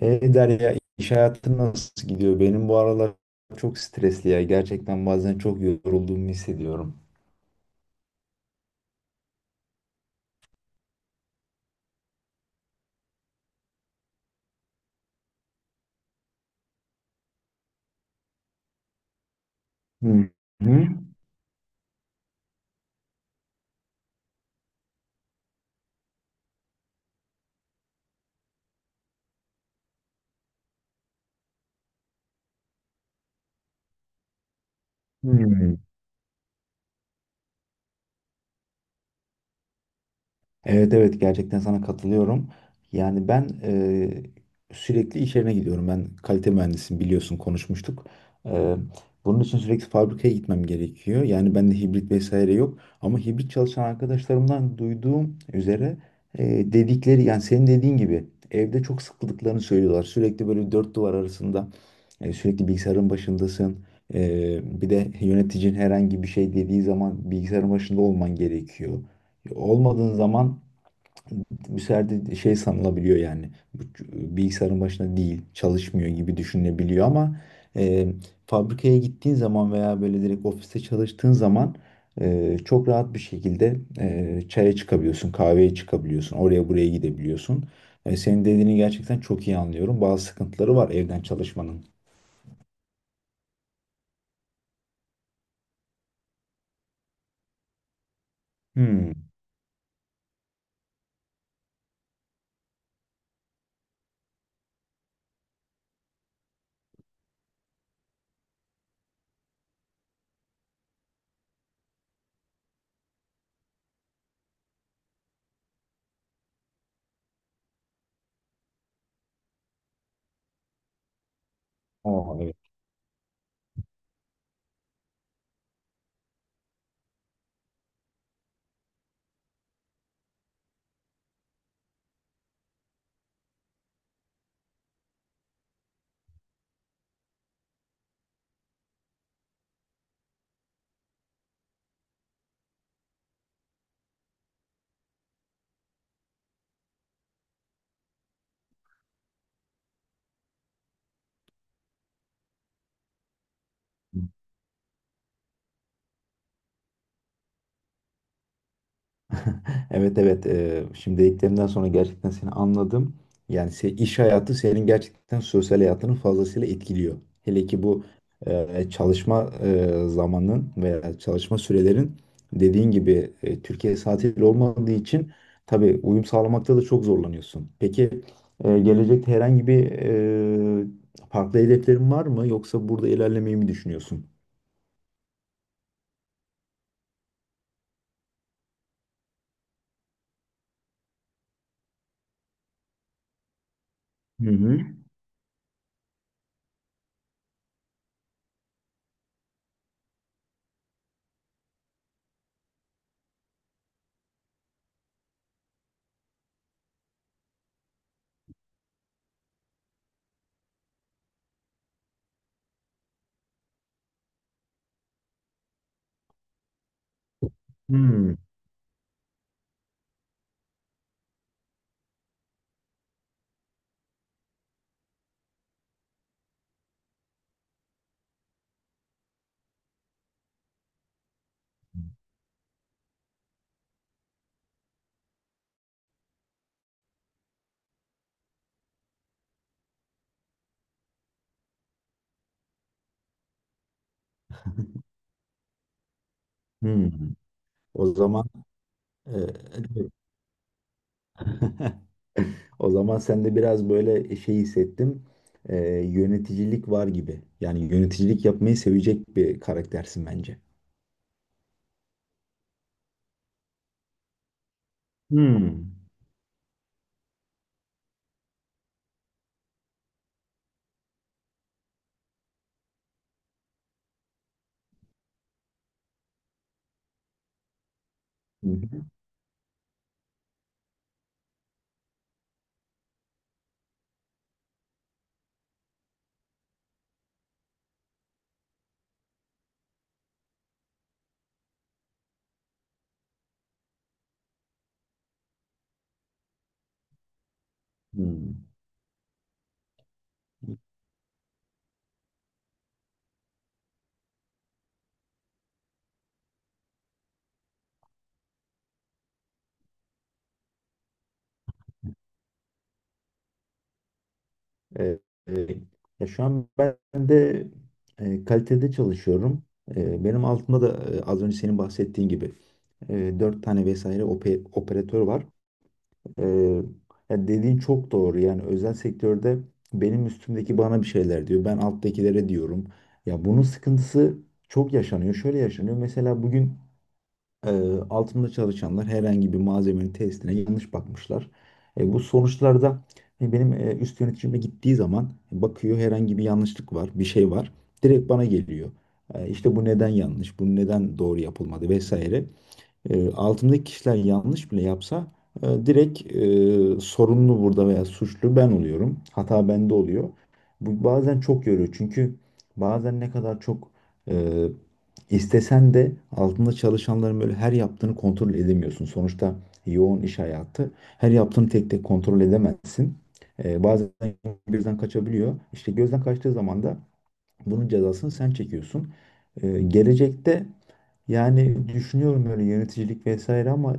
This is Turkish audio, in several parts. Derya, iş hayatı nasıl gidiyor? Benim bu aralar çok stresli ya. Gerçekten bazen çok yorulduğumu hissediyorum. Hı hı. Hı. Evet, evet, gerçekten sana katılıyorum. Yani ben sürekli iş yerine gidiyorum. Ben kalite mühendisiyim, biliyorsun, konuşmuştuk. Eee, Bunun için sürekli fabrikaya gitmem gerekiyor. Yani bende hibrit vesaire yok. Ama hibrit çalışan arkadaşlarımdan duyduğum üzere, dedikleri, yani senin dediğin gibi, evde çok sıkıldıklarını söylüyorlar. Sürekli böyle dört duvar arasında, sürekli bilgisayarın başındasın. Bir de yöneticin herhangi bir şey dediği zaman bilgisayarın başında olman gerekiyor. Olmadığın zaman bu serde şey sanılabiliyor, yani bu bilgisayarın başına değil, çalışmıyor gibi düşünebiliyor ama e, fabrikaya gittiğin zaman veya böyle demek ofiste çalıştığın zaman çok rahat bir şekilde çare çıkabiliyorsun, kahveye çıkabiliyorsun, oraya buraya gidebiliyorsun. Senin dediğini gerçekten çok iyi anlıyorum, bazı sıkıntıları var evden çalışmanın. O, evet. Evet, evet. Şimdi dediklerimden sonra gerçekten seni anladım. Yani iş hayatı senin gerçekten sosyal hayatını fazlasıyla etkiliyor. Hele ki bu çalışma zamanın veya çalışma sürelerin, dediğin gibi, Türkiye saatiyle olmadığı için tabii uyum sağlamakta da çok zorlanıyorsun. Peki gelecekte herhangi bir farklı hedeflerin var mı, yoksa burada ilerlemeyi mi düşünüyorsun? Hı hı. Hmm. Hmm. O zaman e, o zaman sen de biraz böyle şey hissettim. Ee, Yöneticilik var gibi. Yani yöneticilik yapmayı sevecek bir karaktersin bence. Hmm. Hı hı. Hmm. Ee, e, Ya şu an ben de kalitede çalışıyorum. Benim altımda da, az önce senin bahsettiğin gibi, dört tane vesaire operatör var. Ee, Ya dediğin çok doğru. Yani özel sektörde benim üstümdeki bana bir şeyler diyor. Ben alttakilere diyorum. Ya bunun sıkıntısı çok yaşanıyor. Şöyle yaşanıyor. Mesela bugün e, altımda çalışanlar herhangi bir malzemenin testine yanlış bakmışlar. Bu sonuçlarda benim üst yöneticime gittiği zaman bakıyor, herhangi bir yanlışlık var, bir şey var. Direkt bana geliyor. İşte bu neden yanlış, bu neden doğru yapılmadı vesaire. Altımdaki kişiler yanlış bile yapsa, direkt, sorumlu burada veya suçlu ben oluyorum. Hata bende oluyor. Bu bazen çok yoruyor. Çünkü bazen ne kadar çok e, istesen de altında çalışanların böyle her yaptığını kontrol edemiyorsun. Sonuçta yoğun iş hayatı. Her yaptığını tek tek kontrol edemezsin. Bazen birden kaçabiliyor. İşte gözden kaçtığı zaman da bunun cezasını sen çekiyorsun. Gelecekte, yani, düşünüyorum böyle yöneticilik vesaire ama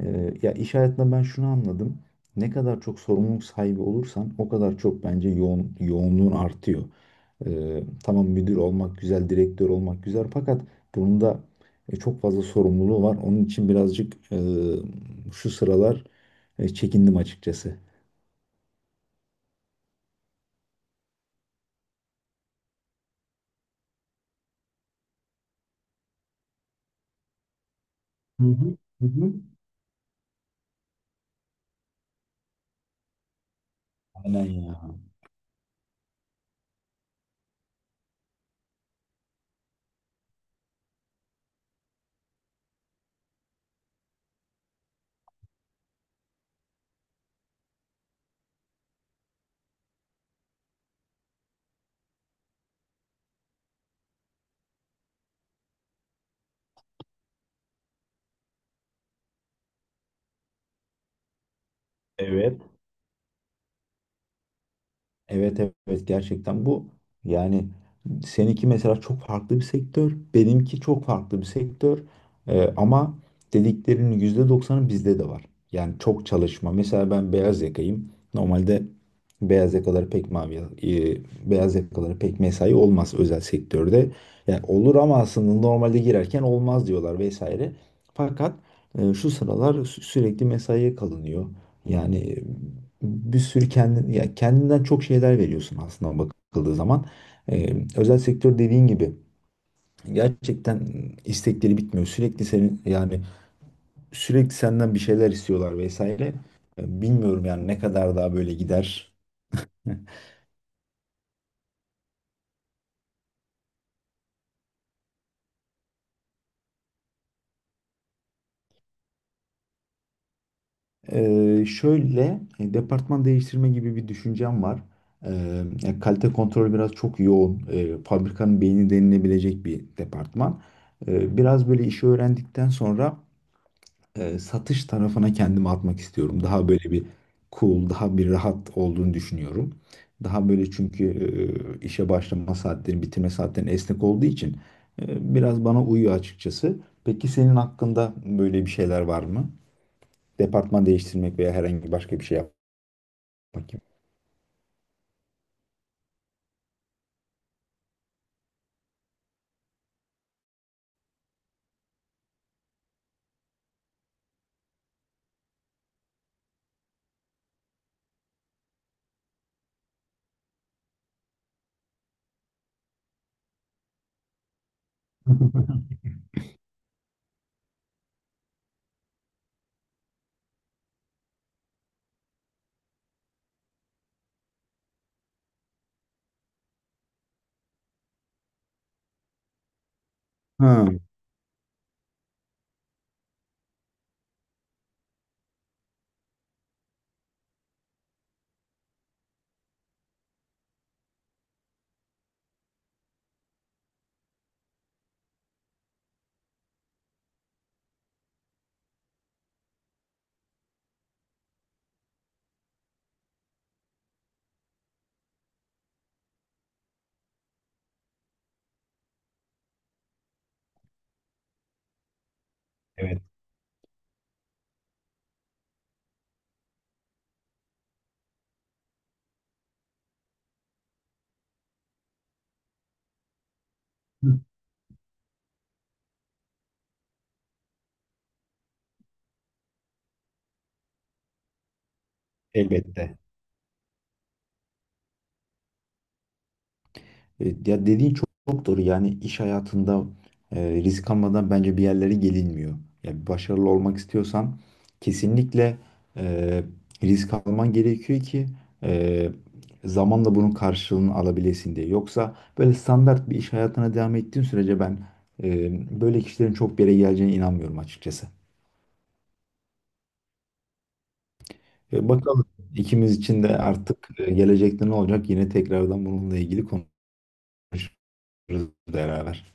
ya, iş hayatında ben şunu anladım. Ne kadar çok sorumluluk sahibi olursan o kadar çok, bence, yoğun, yoğunluğun artıyor. Tamam, müdür olmak güzel, direktör olmak güzel, fakat bunun da çok fazla sorumluluğu var. Onun için birazcık, şu sıralar, çekindim açıkçası. Hı hı. Hı hı. Aynen ya. Evet. Evet, evet, gerçekten bu, yani, seninki mesela çok farklı bir sektör, benimki çok farklı bir sektör. Ama dediklerinin %90'ı bizde de var. Yani çok çalışma. Mesela ben beyaz yakayım. Normalde beyaz yakaları pek mavi, beyaz yakaları pek mesai olmaz özel sektörde. Yani olur ama aslında normalde girerken olmaz diyorlar vesaire. Fakat şu sıralar sürekli mesaiye kalınıyor. Yani bir sürü kendin, ya, kendinden çok şeyler veriyorsun aslında bakıldığı zaman. Özel sektör, dediğin gibi, gerçekten istekleri bitmiyor. Sürekli senin, yani, sürekli senden bir şeyler istiyorlar vesaire. Bilmiyorum yani, ne kadar daha böyle gider. Şöyle, departman değiştirme gibi bir düşüncem var. Ya, kalite kontrol biraz çok yoğun. Fabrikanın beyni denilebilecek bir departman. Biraz böyle işi öğrendikten sonra satış tarafına kendimi atmak istiyorum. Daha böyle bir cool, daha bir rahat olduğunu düşünüyorum. Daha böyle, çünkü işe başlama saatleri, bitirme saatlerin esnek olduğu için biraz bana uyuyor açıkçası. Peki senin hakkında böyle bir şeyler var mı? Departman değiştirmek veya herhangi başka bir şey yapmak gibi. Ha, evet, elbette. Ya, dediğin çok, çok doğru. Yani iş hayatında risk almadan, bence, bir yerlere gelinmiyor. Ya, başarılı olmak istiyorsan kesinlikle e, risk alman gerekiyor ki e, zamanla bunun karşılığını alabilesin diye. Yoksa böyle standart bir iş hayatına devam ettiğin sürece ben böyle kişilerin çok bir yere geleceğine inanmıyorum açıkçası. Bakalım ikimiz için de artık, gelecekte ne olacak? Yine tekrardan bununla ilgili konuşuruz beraber.